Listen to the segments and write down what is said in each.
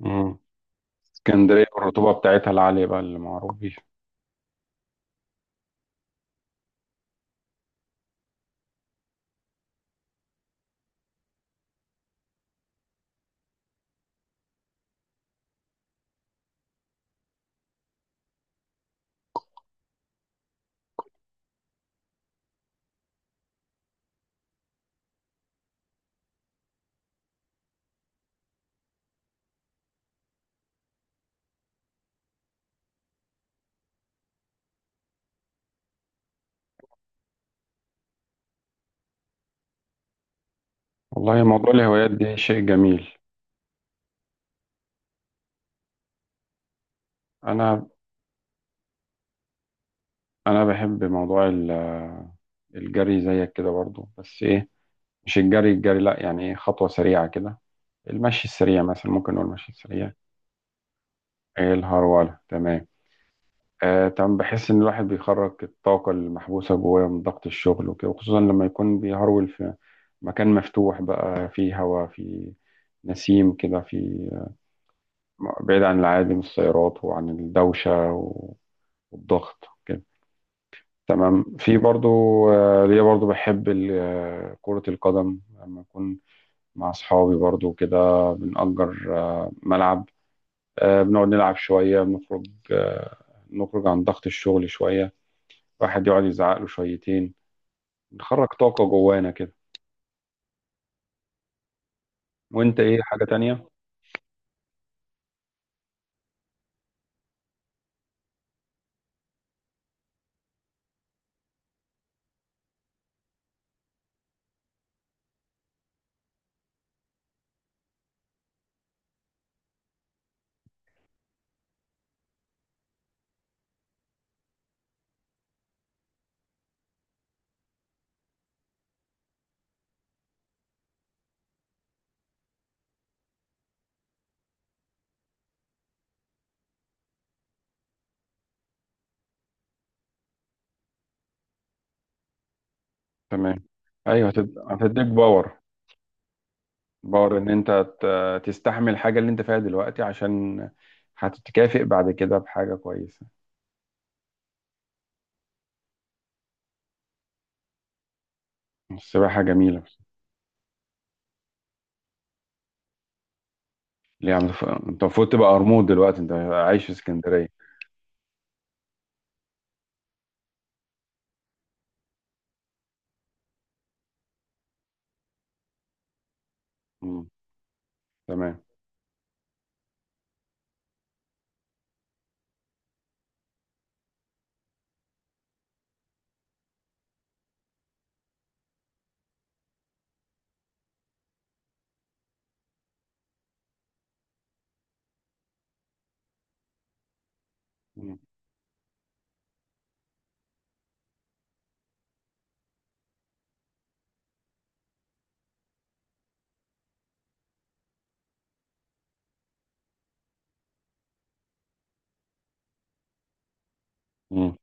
مم. اسكندرية والرطوبة بتاعتها العالية بقى اللي معروف بيها. والله، موضوع الهوايات دي شيء جميل. أنا أنا بحب موضوع الجري زيك كده برضو، بس إيه؟ مش الجري الجري، لأ، يعني إيه، خطوة سريعة كده، المشي السريع مثلا، ممكن نقول المشي السريع. إيه، الهرولة، تمام. آه تمام، بحس إن الواحد بيخرج الطاقة المحبوسة جواه من ضغط الشغل وكده، وخصوصا لما يكون بيهرول في مكان مفتوح بقى، فيه هواء، فيه نسيم كده، فيه بعيد عن العادي من السيارات وعن الدوشة والضغط كده. تمام. في برضو ليا برضو بحب كرة القدم لما أكون مع أصحابي برضو كده، بنأجر ملعب، بنقعد نلعب شوية، بنخرج، آه، نخرج عن ضغط الشغل شوية، واحد يقعد يزعق له شويتين، نخرج طاقة جوانا كده. وأنت، إيه حاجة تانية؟ تمام. أيوه، هتديك باور، باور ان انت تستحمل الحاجة اللي انت فيها دلوقتي، عشان هتتكافئ بعد كده بحاجة كويسة. السباحة جميلة. ليه يا عم؟ انت المفروض تبقى قرموط دلوقتي، انت عايش في اسكندرية. مم. تمام. مم. مم.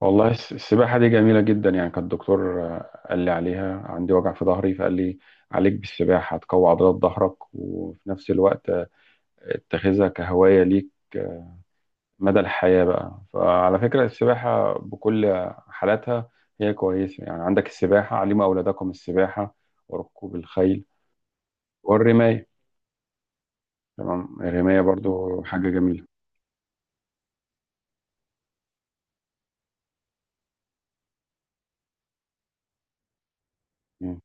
والله السباحة دي جميلة جدا، يعني كان الدكتور قال لي عليها، عندي وجع في ظهري فقال لي عليك بالسباحة، هتقوي عضلات ظهرك، وفي نفس الوقت اتخذها كهواية ليك مدى الحياة بقى. فعلى فكرة، السباحة بكل حالاتها هي كويسة، يعني عندك السباحة، علموا أولادكم السباحة وركوب الخيل والرماية. تمام، الرماية برضو حاجة جميلة. مم.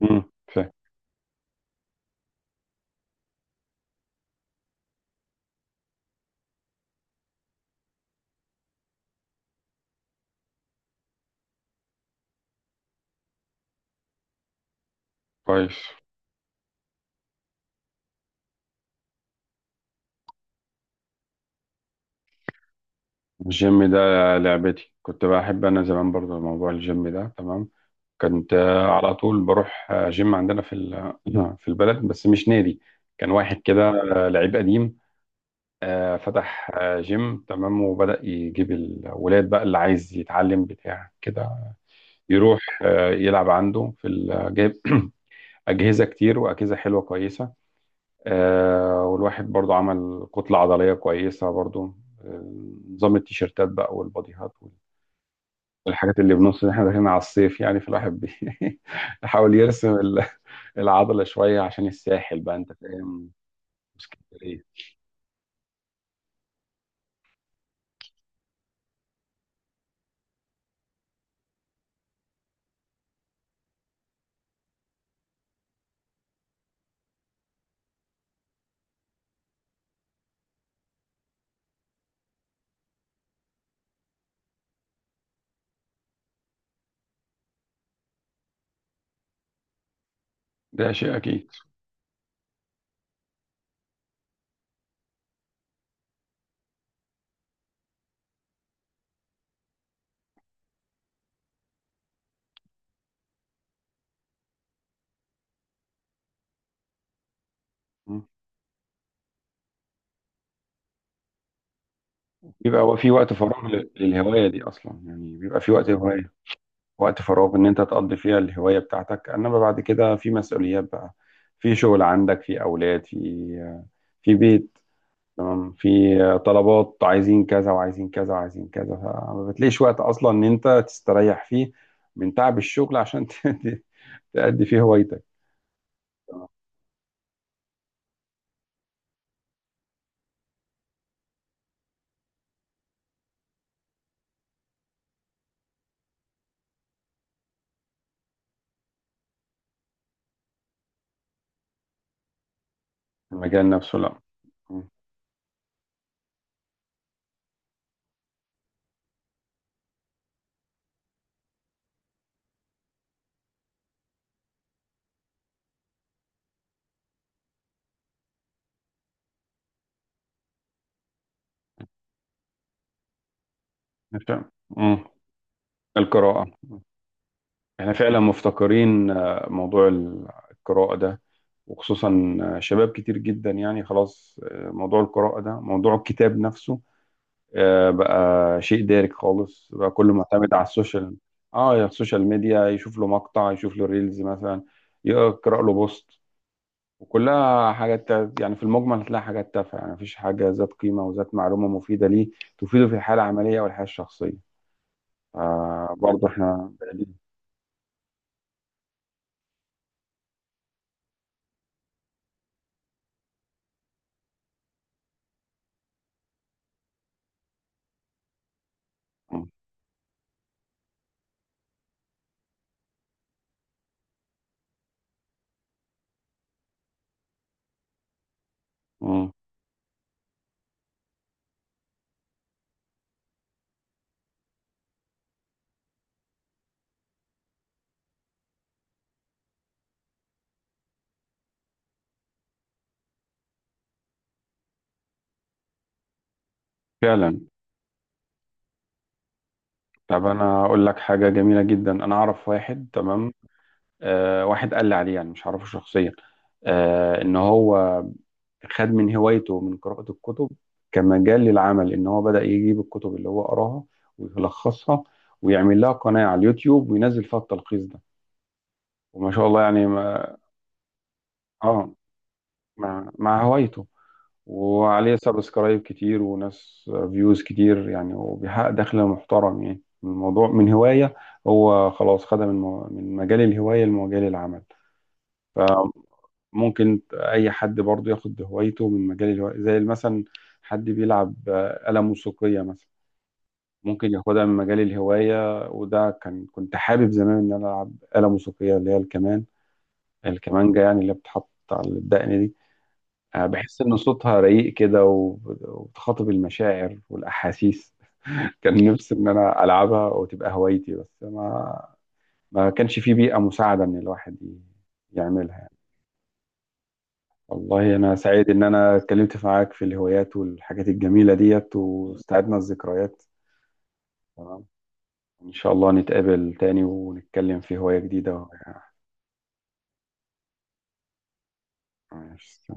مم. فاهم. كويس. الجيم ده لعبتي، كنت بحب أنا زمان برضو موضوع الجيم ده، تمام. كنت على طول بروح جيم عندنا في في البلد، بس مش نادي، كان واحد كده لعيب قديم فتح جيم، تمام، وبدأ يجيب الولاد بقى اللي عايز يتعلم بتاع كده، يروح يلعب عنده في جايب أجهزة كتير وأجهزة حلوة كويسة. والواحد برضو عمل كتلة عضلية كويسة برضو. آه، نظام التيشيرتات بقى والباديهات، والحاجات اللي بنص إن احنا داخلين على الصيف، يعني فالواحد يحاول يرسم العضلة شوية عشان الساحل بقى، انت فاهم؟ إيه؟ ده شيء اكيد. بيبقى هو في وقت فراغ للهواية دي أصلا، يعني بيبقى في وقت هواية، وقت فراغ إن أنت تقضي فيها الهواية بتاعتك، إنما بعد كده في مسؤوليات بقى، في شغل عندك، في أولاد، في بيت. تمام، في طلبات عايزين كذا وعايزين كذا وعايزين كذا، فما بتلاقيش وقت أصلا إن أنت تستريح فيه من تعب الشغل عشان تأدي فيه هوايتك. تمام. المجال نفسه، لا. مم. مش- مم. القراءة، احنا فعلا مفتقرين موضوع القراءة ده، وخصوصا شباب كتير جدا يعني، خلاص موضوع القراءة ده، موضوع الكتاب نفسه بقى شيء دارج خالص بقى، كله معتمد على السوشيال. اه، يا السوشيال ميديا، يشوف له مقطع، يشوف له ريلز مثلا، يقرأ له بوست، وكلها حاجات يعني في المجمل هتلاقي حاجات تافهة، يعني مفيش حاجة ذات قيمة وذات معلومة مفيدة ليه، تفيده في الحالة العملية والحياة الشخصية. آه، برضه احنا بعيدين. مم. مم. فعلا. طب انا اقول لك حاجه جميله جدا، انا اعرف واحد. تمام، آه، واحد قال لي عليه، يعني مش عارفه شخصيا، آه، ان هو خد من هوايته من قراءه الكتب كمجال للعمل، ان هو بدا يجيب الكتب اللي هو قراها ويلخصها، ويعمل لها قناه على اليوتيوب وينزل فيها التلخيص ده، وما شاء الله يعني ما. اه، مع هوايته، وعليه سبسكرايب كتير وناس فيوز كتير يعني، وبيحقق دخل محترم يعني من الموضوع، من هواية. هو خلاص خدها من من مجال الهواية لمجال العمل. فممكن أي حد برضه ياخد هوايته من مجال الهواية، زي مثلا حد بيلعب آلة موسيقية مثلا، ممكن ياخدها من مجال الهواية، وده كنت حابب زمان إن أنا ألعب آلة موسيقية، اللي هي الكمان، الكمانجة يعني، اللي بتحط على الدقن دي. بحس إن صوتها رقيق كده، وبتخاطب المشاعر والأحاسيس. كان نفسي إن أنا ألعبها وتبقى هوايتي، بس ما كانش في بيئة مساعدة إن الواحد يعملها يعني. والله أنا سعيد إن أنا اتكلمت معاك في الهوايات والحاجات الجميلة ديت، واستعدنا الذكريات. تمام، إن شاء الله نتقابل تاني ونتكلم في هواية جديدة. ماشي.